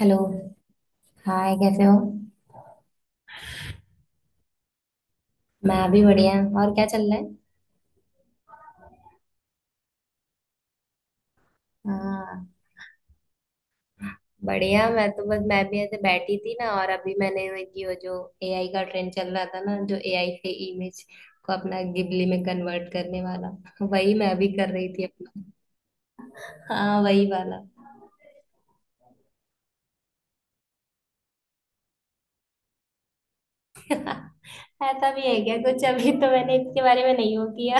Hello. Hi, कैसे हो? मैं भी बढ़िया। और क्या चल रहा है? हाँ। बढ़िया, मैं तो बस मैं भी ऐसे बैठी थी ना, और अभी मैंने ये वो जो एआई का ट्रेंड चल रहा था ना, जो एआई से इमेज को अपना गिबली में कन्वर्ट करने वाला वही मैं भी कर रही थी अपना। हाँ, वही वाला। ऐसा भी है क्या कुछ? अभी तो मैंने इसके बारे में नहीं वो किया।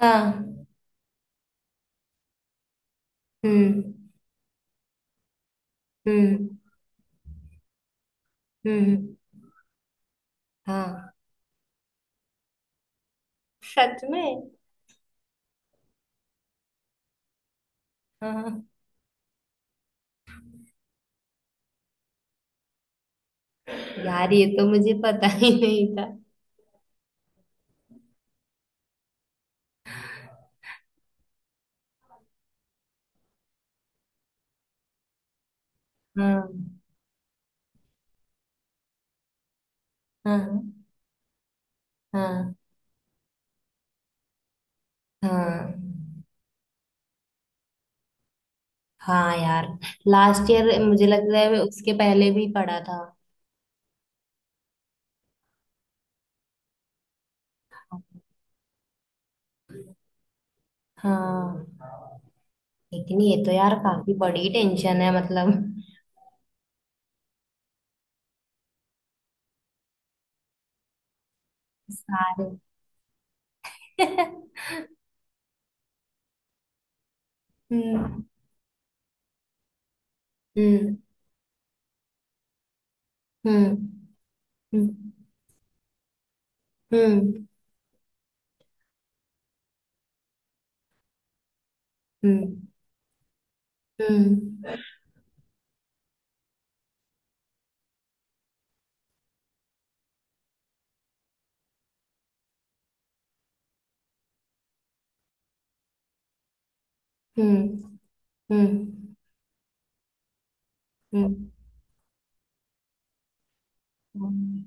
हाँ। हम्म। हम्म। हम्म। हाँ, सच में? हाँ यार, ये तो मुझे पता ही नहीं था। हम्म। हाँ। हाँ। हाँ। हाँ यार, लास्ट ईयर मुझे लग रहा है उसके पहले भी पढ़ा था। हाँ। लेकिन ये तो यार काफी बड़ी टेंशन है, मतलब। सारे। हम्म। हम्म। हम्म। हम्म। हम्म। हम्म। हम्म। हम्म। हम्म। हम्म, हम्म।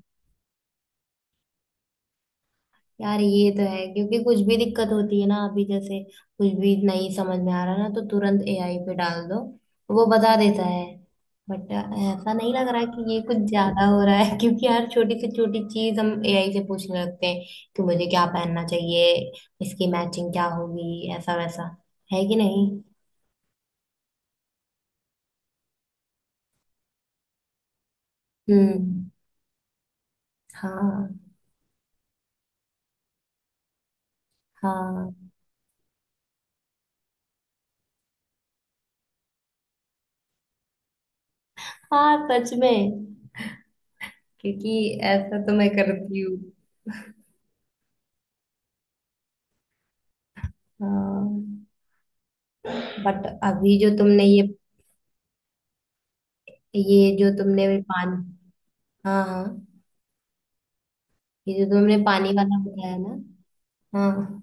यार ये तो है, क्योंकि कुछ भी दिक्कत होती है ना, अभी जैसे कुछ भी नहीं समझ में आ रहा ना तो तुरंत एआई पे डाल दो, वो बता देता है। बट ऐसा नहीं लग रहा कि ये कुछ ज्यादा हो रहा है? क्योंकि हर छोटी से छोटी चीज हम एआई से पूछने लगते हैं कि मुझे क्या पहनना चाहिए, इसकी मैचिंग क्या होगी, ऐसा वैसा, है कि नहीं। हम्म। हाँ। हाँ। हाँ, सच में। क्योंकि ऐसा तो मैं करती हूँ। हाँ। बट अभी जो तुमने ये जो तुमने भी पानी। हाँ हाँ। ये जो तुमने पानी वाला बताया ना, हाँ,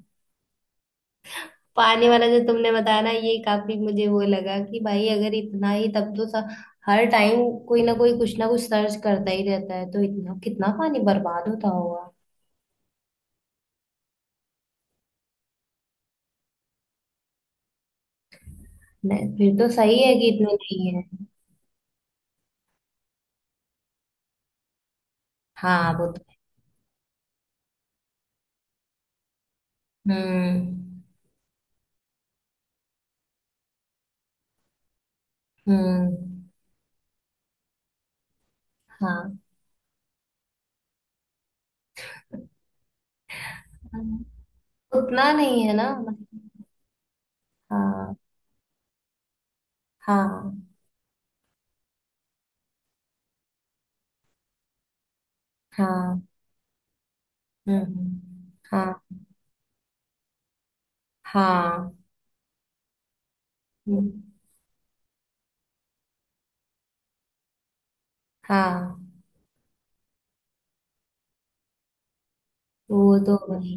पानी वाला जो तुमने बताया ना, ये काफी मुझे वो लगा कि भाई अगर इतना ही, तब तो हर टाइम कोई ना कोई कुछ ना कुछ सर्च करता ही रहता है तो इतना कितना पानी बर्बाद होता होगा। नहीं, फिर तो सही है कि इतने नहीं है। हाँ वो तो। हम्म। हम्म। हाँ। उतना नहीं है ना, मतलब। हाँ। हाँ। हाँ। हम्म। हाँ। हाँ। हम्म, हाँ वो तो भाई।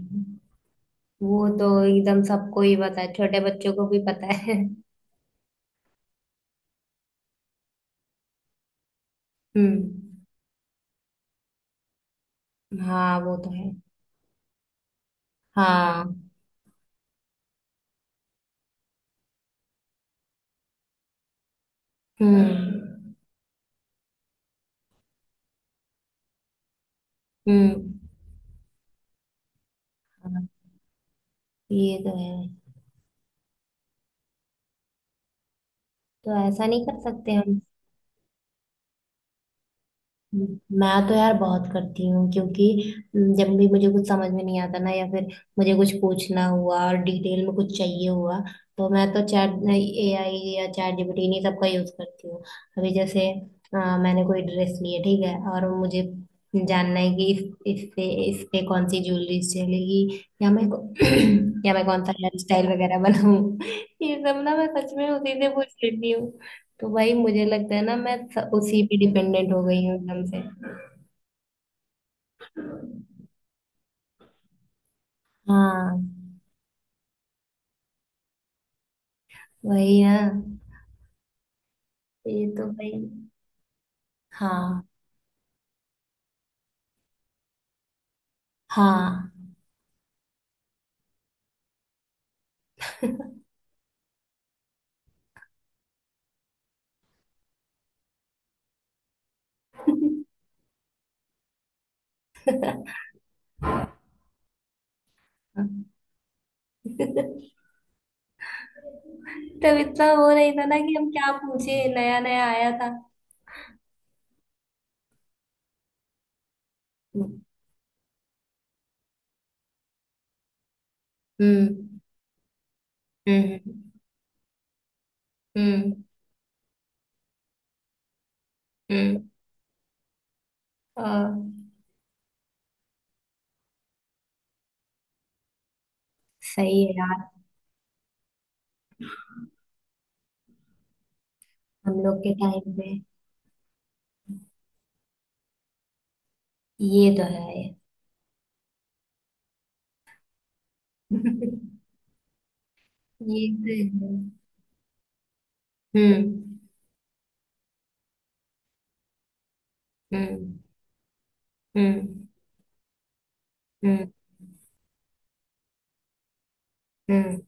वो तो एकदम सबको ही पता है, छोटे बच्चों को भी पता है। हम्म। हाँ वो तो है। हाँ। हम्म। हम्म। हाँ, ये तो है। तो ऐसा नहीं कर सकते हम। मैं तो यार बहुत करती हूँ, क्योंकि जब भी मुझे कुछ समझ में नहीं आता ना, या फिर मुझे कुछ पूछना हुआ और डिटेल में कुछ चाहिए हुआ तो मैं तो चैट एआई या चैट जीपीटी इन्हीं सब का यूज करती हूँ। अभी जैसे मैंने कोई ड्रेस ली है, ठीक है, और मुझे जानना है कि इस इससे इस पे कौन सी ज्वेलरी चलेगी या या मैं कौन सा हेयर स्टाइल वगैरह बनाऊँ। ये सब ना मैं सच में उसी से पूछ लेती। तो वही मुझे लगता है ना, उसी पे डिपेंडेंट हो गई हूँ एकदम से। हाँ। वही ना। ये तो भाई। हाँ। हाँ। तब इतना वो नहीं था ना कि हम क्या पूछे, नया नया आया था। हम्म। हम्म। हम्म। हम्म। आ, सही है यार। हम लोग के टाइम में। ये तो है। ये तो है। हम्म। हम्म। हम्म। हम्म। हम्म।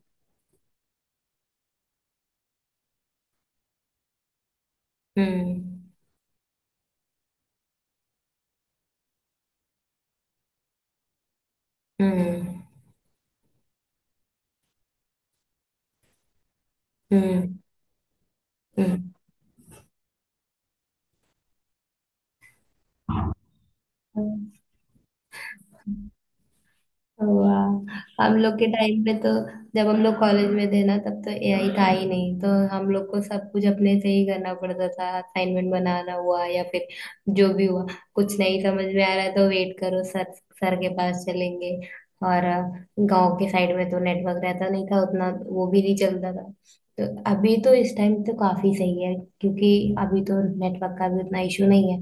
हम्म। हम्म। हम्म। हम्म। हुआ। हम लोग के टाइम पे तो जब हम लोग कॉलेज में थे ना, तब तो एआई था ही नहीं, तो हम लोग को सब कुछ अपने से ही करना पड़ता था। असाइनमेंट बनाना हुआ या फिर जो भी हुआ, कुछ नहीं समझ में आ रहा है तो वेट करो सर, सर के पास चलेंगे। और गांव के साइड में तो नेटवर्क रहता नहीं था उतना, वो भी नहीं चलता था। तो अभी तो इस टाइम तो काफी सही है, क्योंकि अभी तो नेटवर्क का भी उतना इशू नहीं है।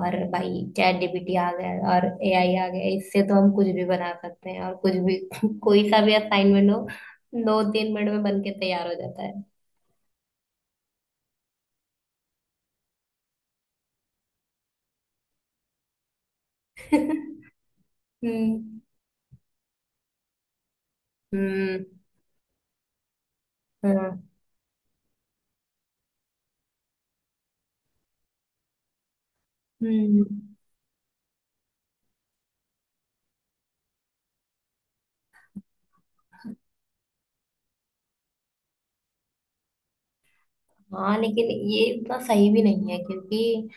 और भाई, चैट जीपीटी आ गया है और एआई आ गया है। इससे तो हम कुछ भी बना सकते हैं, और कुछ भी कोई सा भी असाइनमेंट हो 2-3 मिनट में बन के तैयार हो जाता है। हम्म। हम्म। हाँ। हम्म। हाँ लेकिन ये इतना सही भी नहीं है, क्योंकि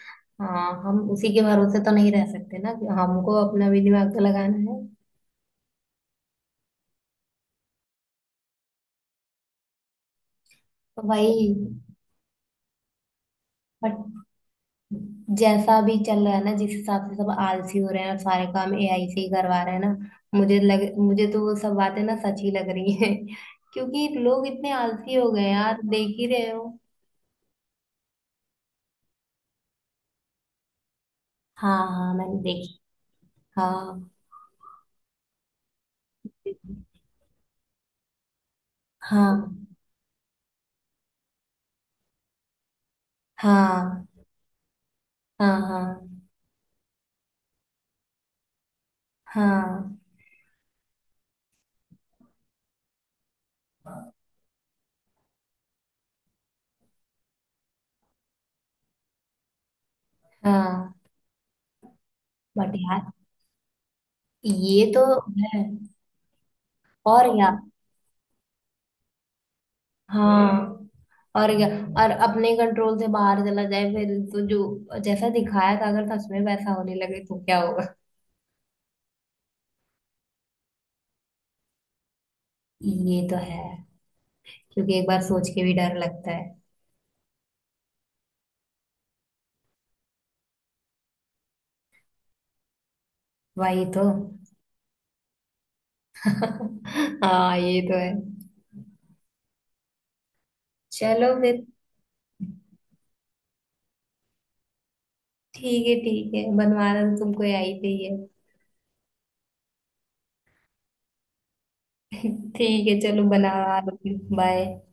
हाँ हम उसी के भरोसे तो नहीं रह सकते ना, हमको अपना भी दिमाग तो लगाना है। तो भाई जैसा भी चल रहा है ना, जिस हिसाब से सब आलसी हो रहे हैं और सारे काम एआई से ही करवा रहे हैं ना, मुझे तो वो सब बातें ना सच ही लग रही हैं। क्योंकि लोग इतने आलसी हो गए हैं यार, देख ही रहे हो। हाँ हाँ, मैंने देखी। हाँ। हाँ। हाँ। हाँ। हाँ। हाँ। हाँ। बट यार, ये तो है। और क्या। हाँ। और क्या। और अपने कंट्रोल से बाहर चला जाए फिर तो, जो जैसा दिखाया था अगर सच में वैसा होने लगे तो क्या होगा। ये तो है, क्योंकि एक बार सोच के भी डर लगता है। वही तो। हाँ, ये तो है। चलो फिर। ठीक है ठीक है, बनवाना तो तुमको आई पे ही है। ठीक है चलो, बना लो, बाय।